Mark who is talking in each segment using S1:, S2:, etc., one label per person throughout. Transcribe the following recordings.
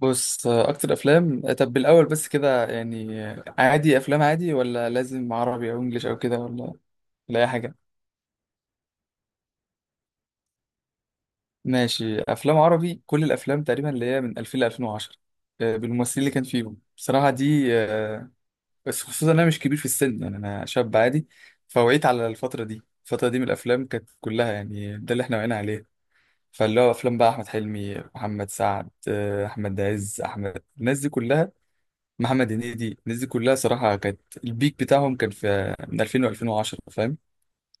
S1: بص، اكتر افلام، طب بالاول بس كده يعني عادي، افلام عادي ولا لازم عربي او انجليش او كده ولا اي حاجه؟ ماشي، افلام عربي. كل الافلام تقريبا اللي هي من 2000 ل 2010 بالممثلين اللي كان فيهم بصراحه دي، بس خصوصا انا مش كبير في السن، يعني انا شاب عادي. فوعيت على الفتره دي، من الافلام كانت كلها، يعني ده اللي احنا وعينا عليه. فاللي هو افلام بقى احمد حلمي، محمد سعد، احمد عز، احمد، الناس دي كلها، محمد هنيدي، الناس دي كلها صراحة كانت البيك بتاعهم كان في من 2000 و2010، فاهم،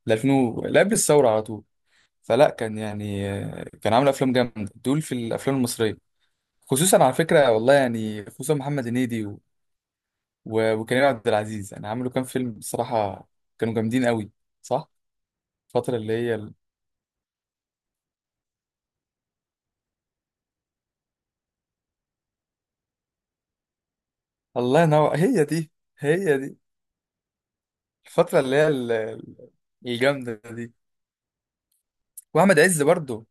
S1: ل 2000 لا، قبل الثورة على طول. فلا، كان يعني كان عامل أفلام جامدة دول في الأفلام المصرية، خصوصا على فكرة، والله يعني، خصوصا محمد هنيدي و- و- وكريم عبد العزيز. يعني عملوا كام فيلم بصراحة كانوا جامدين قوي، صح. الفترة اللي هي الله ينور، هي دي، هي دي الفترة اللي هي الجامدة دي. وأحمد عز برضه،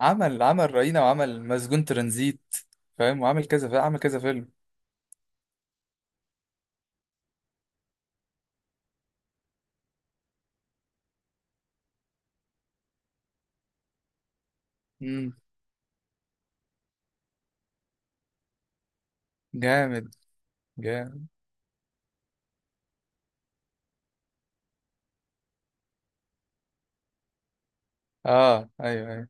S1: عمل رهينة وعمل مسجون ترانزيت، فاهم، وعمل كذا فيلم، عمل كذا فيلم. امم. جامد، جامد. اه، ايوه، ايوه.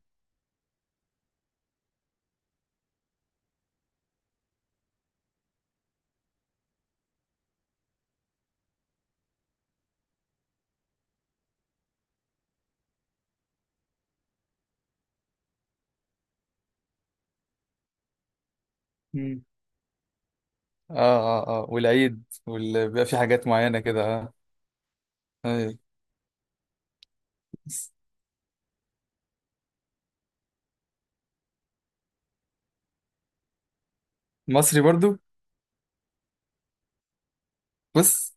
S1: امم. اه اه اه، والعيد بيبقى في حاجات معينة كده، اه. أيوة. مصري برضو. بص،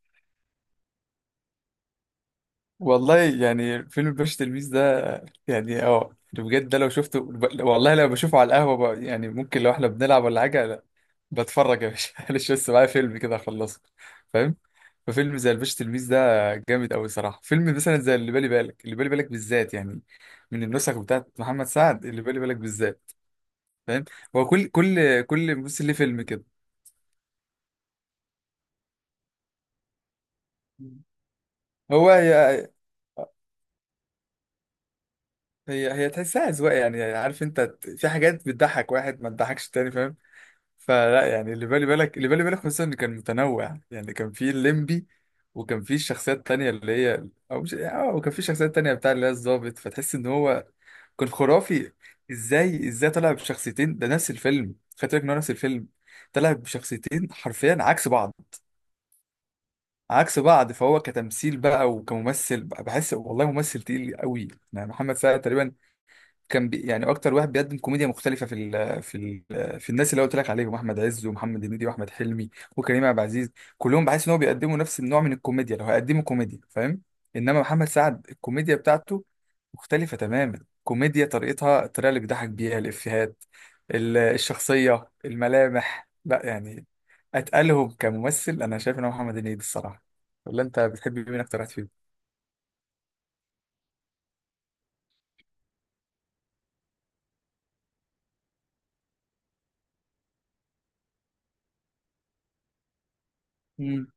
S1: والله يعني فيلم الباشا تلميذ ده، يعني اه، بجد ده لو شفته، والله لو بشوفه على القهوة بقى، يعني ممكن لو احنا بنلعب ولا حاجة، لا، بتفرج يا باشا. معلش، بس معايا فيلم كده اخلصه، فاهم. ففيلم زي الباشا تلميذ ده جامد قوي صراحة. فيلم مثلا زي اللي بالي بالك، اللي بالي بالك بالذات يعني، من النسخ بتاعت محمد سعد، اللي بالي بالك بالذات، فاهم. هو كل ممثل ليه فيلم كده. هو هي هي هي تحسها أذواق، يعني عارف انت، في حاجات بتضحك واحد ما تضحكش التاني، فاهم. فلا، يعني اللي بالي بالك، اللي بالي بالك خصوصا ان كان متنوع، يعني كان في الليمبي وكان في الشخصيات تانية اللي هي، او مش، اه، وكان في شخصيات تانية بتاع اللي هي الضابط، فتحس ان هو كان خرافي. ازاي طلع بشخصيتين ده نفس الفيلم؟ خدت بالك ان هو نفس الفيلم؟ طلع بشخصيتين حرفيا عكس بعض، عكس بعض. فهو كتمثيل بقى وكممثل بقى بحس، والله، ممثل تقيل قوي، يعني محمد سعد تقريبا كان بي، يعني اكتر واحد بيقدم كوميديا مختلفه في ال في ال في الناس اللي قلت لك عليهم: احمد عز ومحمد هنيدي واحمد حلمي وكريم عبد العزيز، كلهم بحس ان هو بيقدموا نفس النوع من الكوميديا، لو هيقدموا كوميديا، فاهم. انما محمد سعد الكوميديا بتاعته مختلفه تماما، كوميديا طريقتها، الطريقه اللي بيضحك بيها، الافيهات، الشخصيه، الملامح، لا يعني، اتقلهم كممثل. انا شايف ان هو محمد هنيدي الصراحه. ولا انت بتحب مين اكتر واحد فيهم؟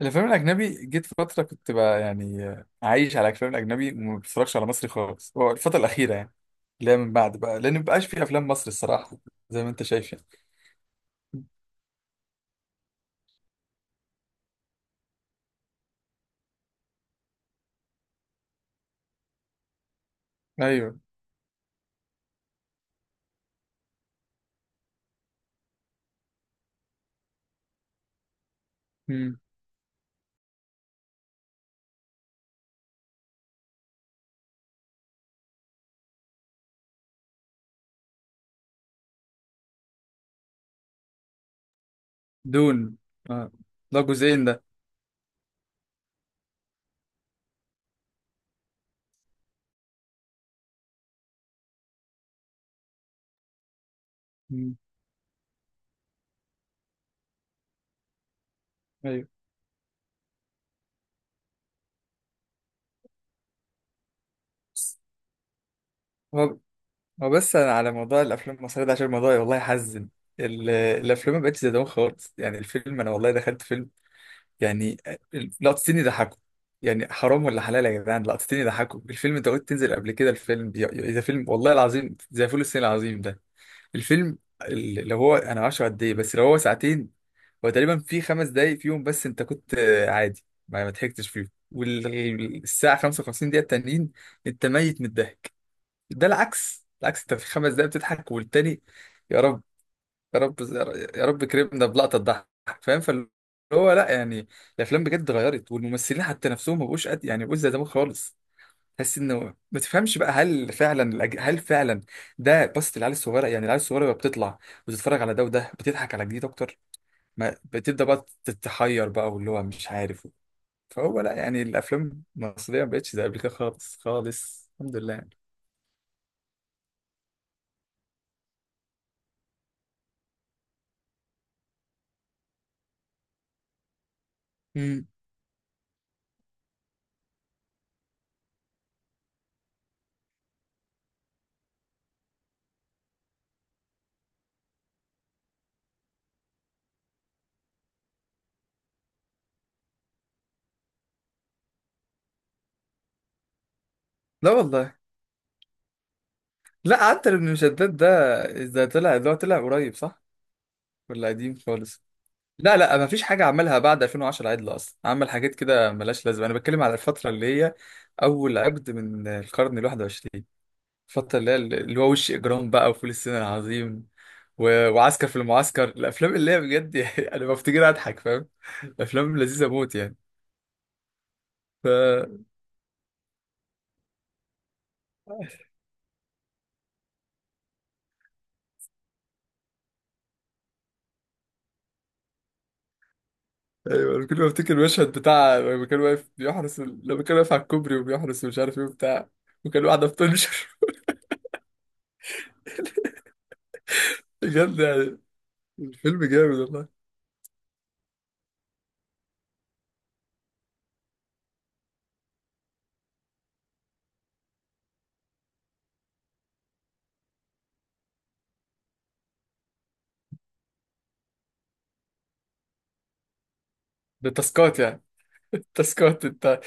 S1: الافلام الاجنبي، جيت فتره كنت بقى يعني عايش على الافلام الاجنبي وما بتفرجش على مصري خالص، هو الفتره الاخيره، يعني اللي هي من بعد بقى، لان مبقاش في افلام مصري الصراحه، زي ما انت شايف يعني. ايوه. امم. دون. اه، ده جزئين ده. امم. ايوه. هو هو بس أنا على موضوع الافلام المصريه ده، عشان الموضوع والله يحزن. الافلام ما بقتش زي زمان خالص، يعني الفيلم، انا والله دخلت فيلم يعني لقطتين يضحكوا، يعني حرام ولا حلال يا جدعان، لقطتين يضحكوا الفيلم؟ انت قلت تنزل قبل كده الفيلم، ده فيلم والله العظيم زي فول الصين العظيم، ده الفيلم لو هو، انا معرفش قد ايه، بس لو هو ساعتين، هو تقريبا في 5 دقايق فيهم بس انت كنت عادي، ما ضحكتش فيهم، والساعة 55 دقيقة التانيين انت ميت من الضحك. ده العكس، العكس، انت في 5 دقايق بتضحك والتاني، يا رب، يا رب، يا رب كرمنا بلقطه تضحك، فاهم. فاللي هو لا يعني، الافلام بجد اتغيرت، والممثلين حتى نفسهم ما بقوش قد، يعني ما بقوش زي زمان خالص. تحس انه ما تفهمش بقى، هل فعلا هل فعلا ده؟ بصت العيال الصغيره، يعني العيال الصغيره بقى بتطلع وتتفرج على ده وده، بتضحك على جديد اكتر، ما بتبدا بقى تتحير بقى واللي هو مش عارف. فهو لا يعني، الافلام المصريه ما بقتش زي قبل كده خالص خالص، الحمد لله يعني. مم. لا والله. لا، حتى ابن مشداد ده طلع، اللي هو طلع قريب صح؟ ولا قديم خالص؟ لا لا، ما فيش حاجة عملها بعد 2010 عدل أصلا، عمل حاجات كده ملهاش لازمة. أنا بتكلم على الفترة اللي هي أول عقد من القرن الواحد وعشرين، الفترة اللي هي اللي هو وش إجرام بقى وفول الصين العظيم و... وعسكر في المعسكر، الأفلام اللي هي بجد يعني أنا بفتكرها أضحك، فاهم، أفلام لذيذة موت يعني. ف أيوة، أنا كل ما أفتكر المشهد بتاع لما كان واقف بيحرس، لما كان واقف على الكوبري وبيحرس ومش عارف إيه وبتاع، وكان واحدة بتنشر. بجد يعني، الفيلم جامد والله. ده تاسكات يعني؟ تاسكات انت؟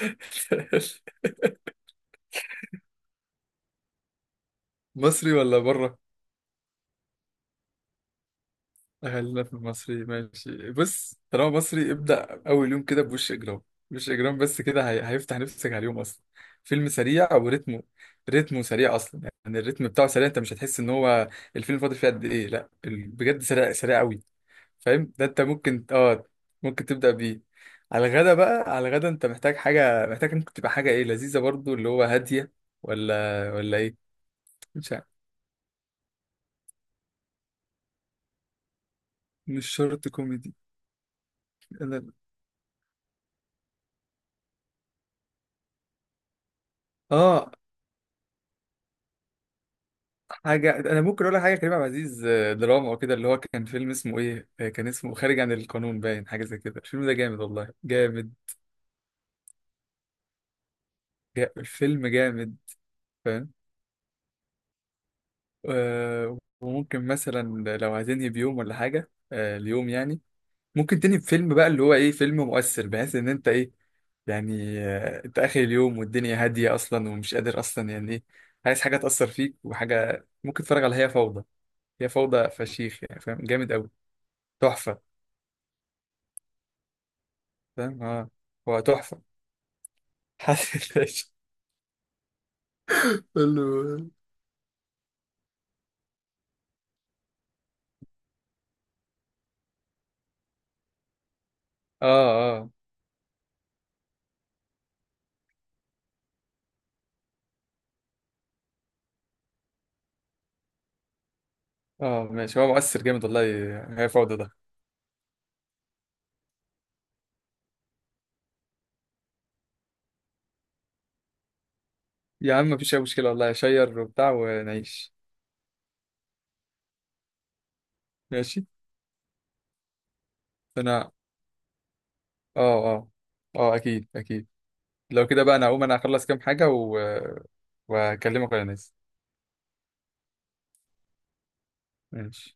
S1: مصري ولا بره؟ خلينا في المصري، ماشي. بص، طالما مصري، ابدأ أول يوم كده بوش إجرام. وش إجرام بس كده، هيفتح نفسك على اليوم أصلا، فيلم سريع وريتمه، ريتمه سريع أصلا، يعني الريتم بتاعه سريع، أنت مش هتحس إن هو الفيلم فاضل فيه قد إيه، لا بجد سريع، سريع أوي، فاهم. ده أنت ممكن، ممكن تبدأ بيه. على الغدا بقى، على الغدا أنت محتاج حاجة، محتاج ممكن تبقى حاجة إيه، لذيذة برضو، اللي هو هادية، ولا إيه؟ مش عارف. مش شرط كوميدي. انا اه حاجه، انا ممكن اقول لك حاجه كريم عبد العزيز، دراما وكده، اللي هو كان فيلم اسمه ايه، كان اسمه خارج عن القانون باين، حاجه زي كده، الفيلم ده جامد والله، جامد. الفيلم جامد، فاهم. وممكن مثلا، لو هتنهي بيوم ولا حاجه اليوم يعني، ممكن تنهي بفيلم بقى اللي هو ايه، فيلم مؤثر بحيث ان انت ايه، يعني انت اخر اليوم والدنيا هاديه اصلا، ومش قادر اصلا يعني ايه، عايز حاجه تاثر فيك وحاجه، ممكن تتفرج على هي فوضى. هي فوضى فشيخ يعني، فاهم، جامد قوي، تحفه، فاهم. اه، هو تحفه. حسن الباشا، حلو. اه اه اه، ماشي. هو مؤثر جامد والله، هي فوضى ده. يا عم مفيش اي مشكله، والله شير وبتاع ونعيش. ماشي. انا، اه اه اه، اكيد اكيد. لو كده بقى، انا هقوم، انا اخلص كام حاجه و... وهكلمك وانا نازل. ماشي.